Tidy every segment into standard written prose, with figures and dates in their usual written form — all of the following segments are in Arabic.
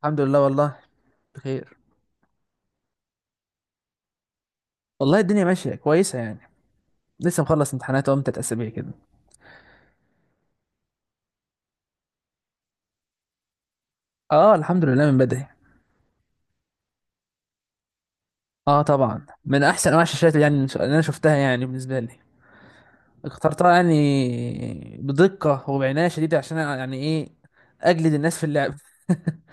الحمد لله. والله بخير. والله الدنيا ماشية كويسة يعني. لسه مخلص امتحانات اهو من تلات أسابيع كده. اه الحمد لله من بدري. اه طبعا من أحسن أنواع الشاشات يعني اللي أنا شفتها يعني بالنسبة لي. اخترتها يعني بدقة وبعناية شديدة عشان يعني إيه؟ أجلد الناس في اللعب.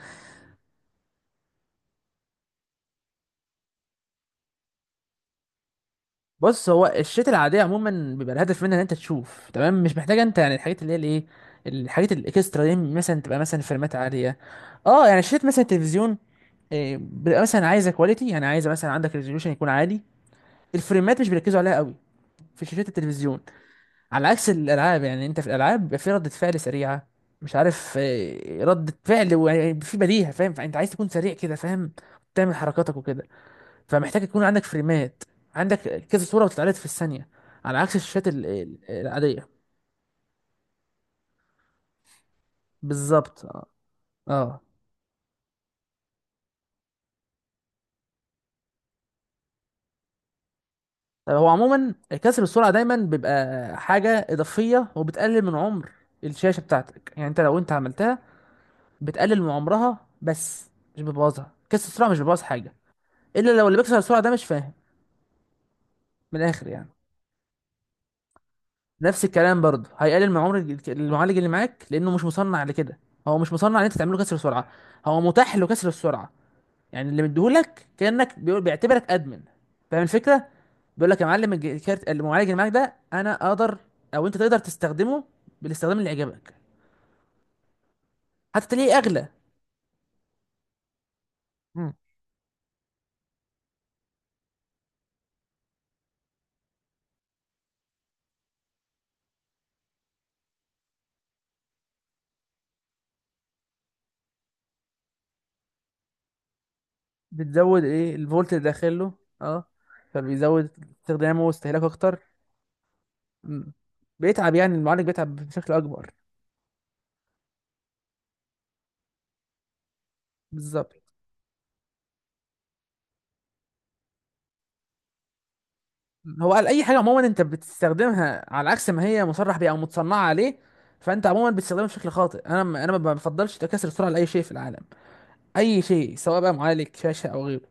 بص، هو الشتاء العاديه عموما بيبقى الهدف منها ان انت تشوف تمام، مش محتاجه انت يعني الحاجات اللي هي الايه، الحاجات الاكسترا دي مثلا، تبقى مثلا فريمات عاليه. اه يعني شاشات مثلا التلفزيون، بيبقى مثلا عايزه كواليتي، يعني عايزه مثلا عندك ريزوليوشن يكون عالي. الفريمات مش بيركزوا عليها قوي في شاشات التلفزيون. على عكس الالعاب، يعني انت في الالعاب بيبقى في ردة فعل سريعه، مش عارف ردة فعل وفي بديهه، فاهم؟ فانت عايز تكون سريع كده، فاهم؟ تعمل حركاتك وكده. فمحتاج يكون عندك فريمات، عندك كذا صورة بتتعرض في الثانية، على عكس الشاشات العادية. بالظبط اه. اه هو عموما كسر السرعة دايما بيبقى حاجة إضافية وبتقلل من عمر الشاشة بتاعتك، يعني انت لو انت عملتها بتقلل من عمرها بس، مش بتبوظها. كسر السرعة مش بيبوظ حاجة، إلا لو اللي بيكسر السرعة ده مش فاهم. من الآخر يعني نفس الكلام برضه، هيقلل من عمر المعالج اللي معاك، لأنه مش مصنع لكده. هو مش مصنع إن أنت تعمله كسر سرعة، هو متاح له كسر السرعة، يعني اللي مديهولك كانك بيقول، بيعتبرك ادمن، فاهم الفكره؟ بيقول لك يا معلم كارت المعالج اللي معاك ده انا اقدر او انت تقدر تستخدمه بالاستخدام اللي يعجبك. حتى تلاقيه اغلى. مم. بتزود ايه؟ الفولت اللي داخل له. اه، فبيزود استخدامه واستهلاكه اكتر. مم. بيتعب، يعني المعالج بيتعب بشكل اكبر. بالظبط. هو قال اي حاجه عموما انت بتستخدمها على عكس ما هي مصرح بيها او متصنعه عليه، فانت عموما بتستخدمها بشكل خاطئ. انا ما بفضلش تكسر السرعه لاي شيء في العالم، اي شيء، سواء بقى معالج، شاشه، او غيره.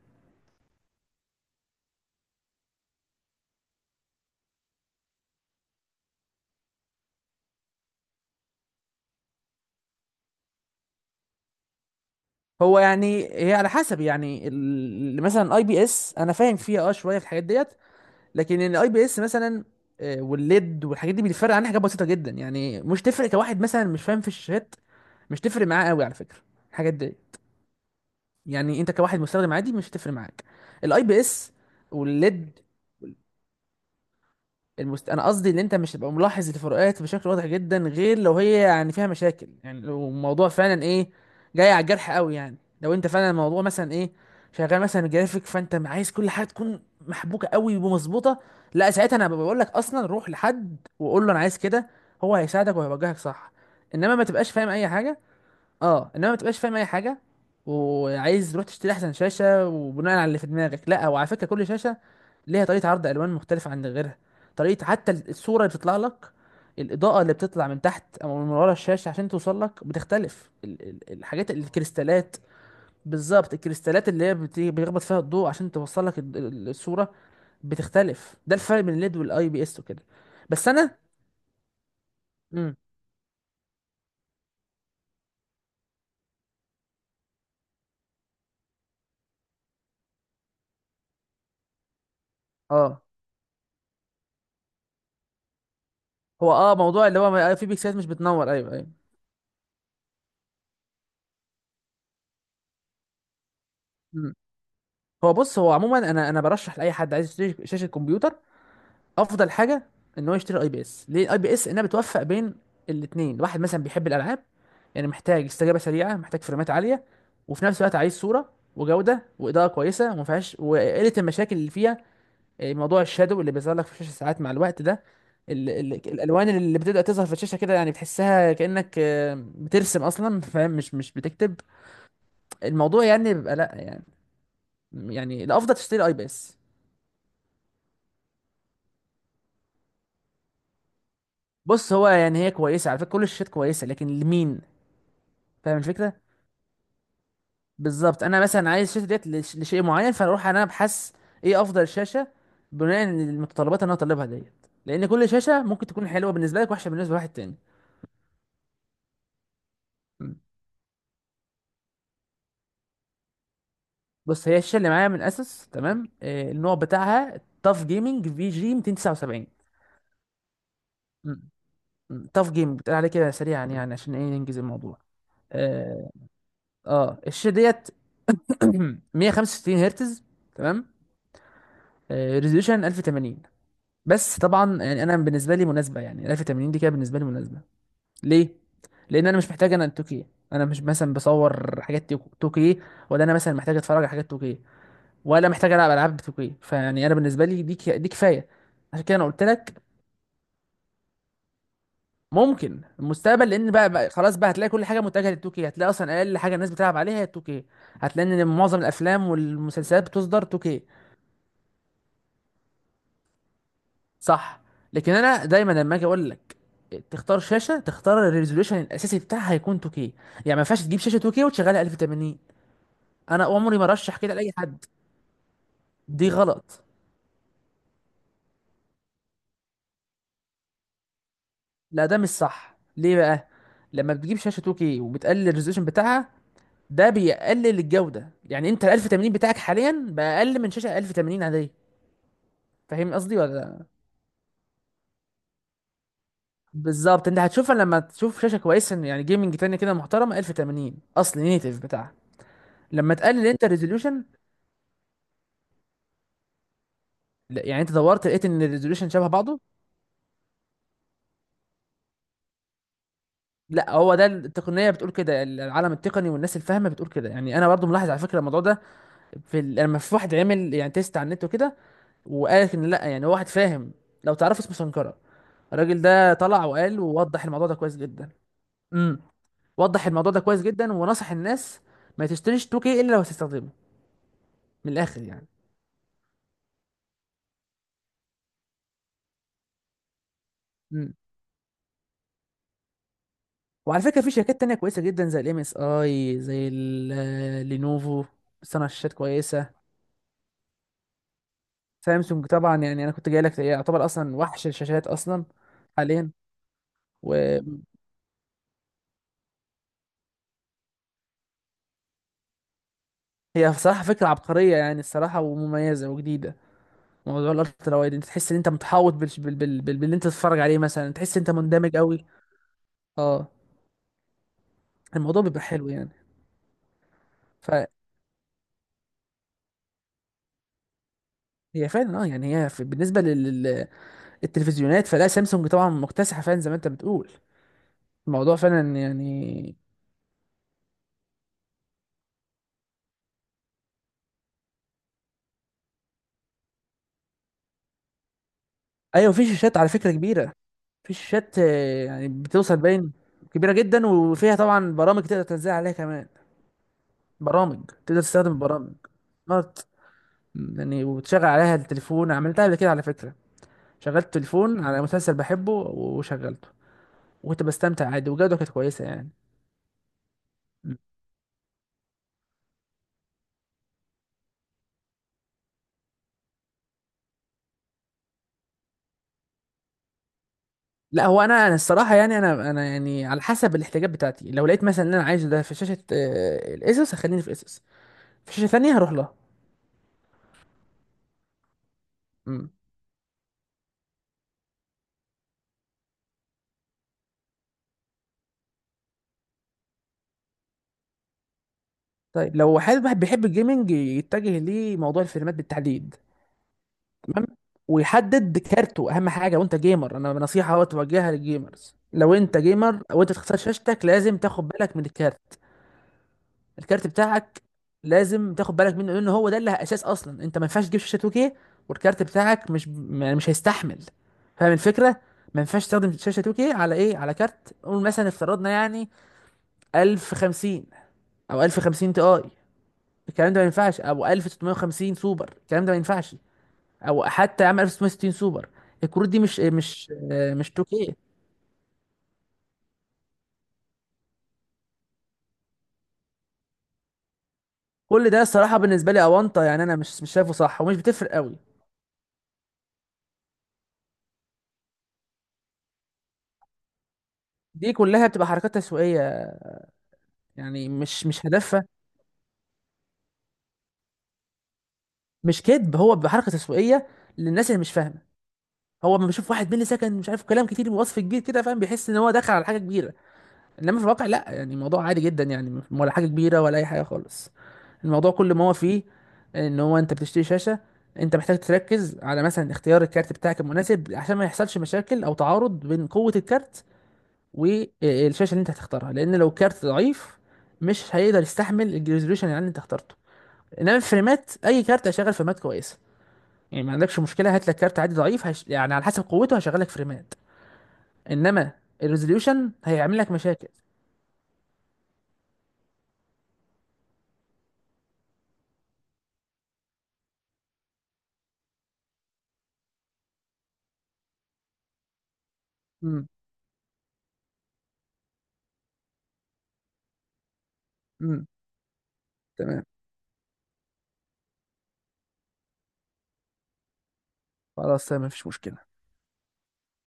هو يعني هي على حسب يعني مثلا الاي بي اس انا فاهم فيها اه شويه في الحاجات ديت، لكن الاي بي اس مثلا، والليد والحاجات دي بيتفرق عنها حاجات بسيطه جدا، يعني مش تفرق كواحد مثلا مش فاهم في الشاشات، مش تفرق معاه قوي على فكره الحاجات دي. يعني انت كواحد مستخدم عادي مش هتفرق معاك الاي بي اس والليد. انا قصدي ان انت مش هتبقى ملاحظ الفروقات بشكل واضح جدا، غير لو هي يعني فيها مشاكل، يعني لو الموضوع فعلا ايه، جاي على الجرح قوي، يعني لو انت فعلا الموضوع مثلا ايه، شغال مثلا جرافيك، فانت عايز كل حاجه تكون محبوكه قوي ومظبوطه، لا ساعتها انا بقول لك اصلا روح لحد وقول له انا عايز كده، هو هيساعدك وهيوجهك صح. انما ما تبقاش فاهم اي حاجه. اه انما ما تبقاش فاهم اي حاجه وعايز تروح تشتري احسن شاشه وبناء على اللي في دماغك، لا. وعلى فكره كل شاشه ليها طريقة عرض ألوان مختلفة عن غيرها، طريقة حتى الصورة اللي بتطلع لك. الإضاءة اللي بتطلع من تحت أو من ورا الشاشة عشان توصل لك بتختلف، الحاجات الكريستالات. بالظبط، الكريستالات اللي هي بيخبط فيها الضوء عشان توصل لك الصورة بتختلف. ده الفرق بين الليد والاي بي اس وكده. بس أنا. امم. اه هو اه موضوع اللي هو في بيكسلات مش بتنور، ايوه ايوه. مم. هو بص، هو عموما انا برشح لاي حد عايز يشتري شاشه كمبيوتر، افضل حاجه ان هو يشتري اي بي اس. ليه الاي بي اس؟ انها بتوفق بين الاثنين. واحد مثلا بيحب الالعاب، يعني محتاج استجابه سريعه، محتاج فريمات عاليه، وفي نفس الوقت عايز صوره وجوده واضاءه كويسه وما فيهاش وقله المشاكل اللي فيها، موضوع الشادو اللي بيظهر لك في الشاشه ساعات مع الوقت ده، ال الالوان اللي بتبدا تظهر في الشاشه كده، يعني بتحسها كانك بترسم اصلا، فاهم؟ مش بتكتب الموضوع، يعني بيبقى لا يعني، يعني الافضل تشتري اي بي اس. بص هو يعني هي كويسه على فكره، كل الشاشات كويسه، لكن لمين؟ فاهم الفكره؟ بالظبط، انا مثلا عايز الشاشه ديت لشيء معين، فاروح انا ابحث ايه افضل شاشه بناء على المتطلبات اللي انا طالبها ديت، لان كل شاشه ممكن تكون حلوه بالنسبه لك وحشه بالنسبه لواحد تاني. مم. بص، هي الشاشه اللي معايا من اسس، تمام؟ النوع بتاعها تاف جيمنج في جي 279. مم. تاف جيمنج، بتقول عليه كده سريعا مم. يعني عشان ايه، ننجز الموضوع. اه, آه الشاشه ديت 165 هرتز، تمام؟ آه ريزوليوشن 1080، بس طبعا يعني انا بالنسبه لي مناسبه، يعني 1080 دي كده بالنسبه لي مناسبه. ليه؟ لان انا مش محتاج انا التوكي، انا مش مثلا بصور حاجات توكي، ولا انا مثلا محتاج اتفرج على حاجات توكي، ولا محتاج العب العاب توكي، فيعني انا بالنسبه لي دي دي كفايه. عشان كده انا قلت لك. ممكن المستقبل، لان بقى خلاص بقى هتلاقي كل حاجه متجهه للتوكي، هتلاقي اصلا اقل حاجه الناس بتلعب عليها هي التوكي، هتلاقي ان معظم الافلام والمسلسلات بتصدر توكي. صح. لكن انا دايما لما اجي اقول لك تختار شاشه، تختار الريزولوشن الاساسي بتاعها هيكون 2K يعني، ما ينفعش تجيب شاشه 2K وتشغلها 1080. انا عمري ما رشح كده لاي حد. دي غلط. لا ده مش صح. ليه بقى؟ لما بتجيب شاشه 2K وبتقلل الريزولوشن بتاعها، ده بيقلل الجوده، يعني انت ال 1080 بتاعك حاليا بقى اقل من شاشه 1080 عاديه. فاهم قصدي ولا؟ بالظبط، انت هتشوفها لما تشوف شاشه كويسه، يعني جيمنج تانية كده محترمه 1080، اصل نيتيف بتاعها، لما تقلل انت الريزولوشن. لا، يعني انت دورت لقيت ان الريزولوشن شبه بعضه. لا، هو ده التقنيه بتقول كده، العالم التقني والناس الفاهمه بتقول كده. يعني انا برضو ملاحظ على فكره الموضوع ده لما في واحد عمل يعني تيست على النت وكده، وقالت ان لا يعني، هو واحد فاهم، لو تعرفوا اسمه سنكرة. الراجل ده طلع وقال، ووضح الموضوع ده كويس جدا. امم. وضح الموضوع ده كويس جدا ونصح الناس ما تشتريش 2K الا لو هتستخدمه. من الاخر يعني. امم. وعلى فكره في شركات تانية كويسه جدا زي الام اس اي، زي لينوفو، بتصنع شاشات كويسه. سامسونج طبعا يعني انا كنت جاي لك، يعتبر اصلا وحش الشاشات اصلا حاليا. وهي بصراحه فكره عبقريه يعني الصراحه، ومميزه وجديده، موضوع الالترا وايد، انت تحس ان انت متحوط باللي انت تتفرج عليه، مثلا تحس انت مندمج قوي. اه. الموضوع بيبقى حلو يعني. فهي فعلا اه، يعني هي بالنسبه للتلفزيونات، فلا سامسونج طبعا مكتسحه فعلا زي ما انت بتقول. الموضوع فعلا يعني. ايوه في شاشات على فكره كبيره، في شاشات يعني بتوصل باين، كبيره جدا، وفيها طبعا برامج تقدر تنزل عليها كمان، برامج تقدر تستخدم برامج سمارت يعني، وتشغل عليها التليفون، عملتها قبل كده على فكره، شغلت تليفون على مسلسل بحبه وشغلته، وكنت بستمتع عادي، وجوده كانت كويسه يعني. مم. لا هو انا الصراحه يعني انا يعني على حسب الاحتياجات بتاعتي، لو لقيت مثلا ان انا عايزه ده في شاشه الاسوس، هخليني في اسوس. في شاشه ثانيه هروح لها. امم. طيب لو حد، واحد بيحب الجيمنج، يتجه لموضوع الفريمات بالتحديد. تمام. ويحدد كارته اهم حاجه. وانت جيمر، انا نصيحه اهو توجهها للجيمرز، لو انت جيمر وانت تختار شاشتك لازم تاخد بالك من الكارت. الكارت بتاعك لازم تاخد بالك منه، لان هو ده اللي اساس اصلا. انت ما ينفعش تجيب شاشه 2K والكارت بتاعك مش يعني مش هيستحمل، فاهم الفكره؟ ما ينفعش تستخدم شاشه 2K على ايه، على كارت قول مثلا افترضنا يعني 1050، او 1050 تي اي، الكلام ده ما ينفعش، او 1650 سوبر الكلام ده ما ينفعش، او حتى يا عم 1660 سوبر، الكروت دي مش 2K. كل ده الصراحه بالنسبه لي اونطه يعني، انا مش شايفه صح، ومش بتفرق قوي. دي كلها بتبقى حركات تسويقيه يعني، مش مش هدف. مش كذب، هو بحركه تسويقيه للناس اللي مش فاهمه. هو لما بيشوف واحد ملي سكند مش عارف كلام كتير بوصف كبير كده، فاهم؟ بيحس ان هو دخل على حاجه كبيره، انما في الواقع لا، يعني الموضوع عادي جدا يعني، ولا حاجه كبيره ولا اي حاجه خالص. الموضوع كل ما هو فيه ان هو انت بتشتري شاشه، انت محتاج تركز على مثلا اختيار الكارت بتاعك المناسب عشان ما يحصلش مشاكل او تعارض بين قوه الكارت والشاشه اللي انت هتختارها، لان لو الكارت ضعيف مش هيقدر يستحمل الريزوليوشن اللي انت اخترته. انما الفريمات، اي كارت هيشغل فريمات كويسه، يعني ما عندكش مشكله، هات لك كارت عادي ضعيف يعني على حسب قوته هشغل لك فريمات، انما الريزوليوشن هيعمل لك مشاكل. امم. امم. تمام. خلاص تمام، مفيش مشكله.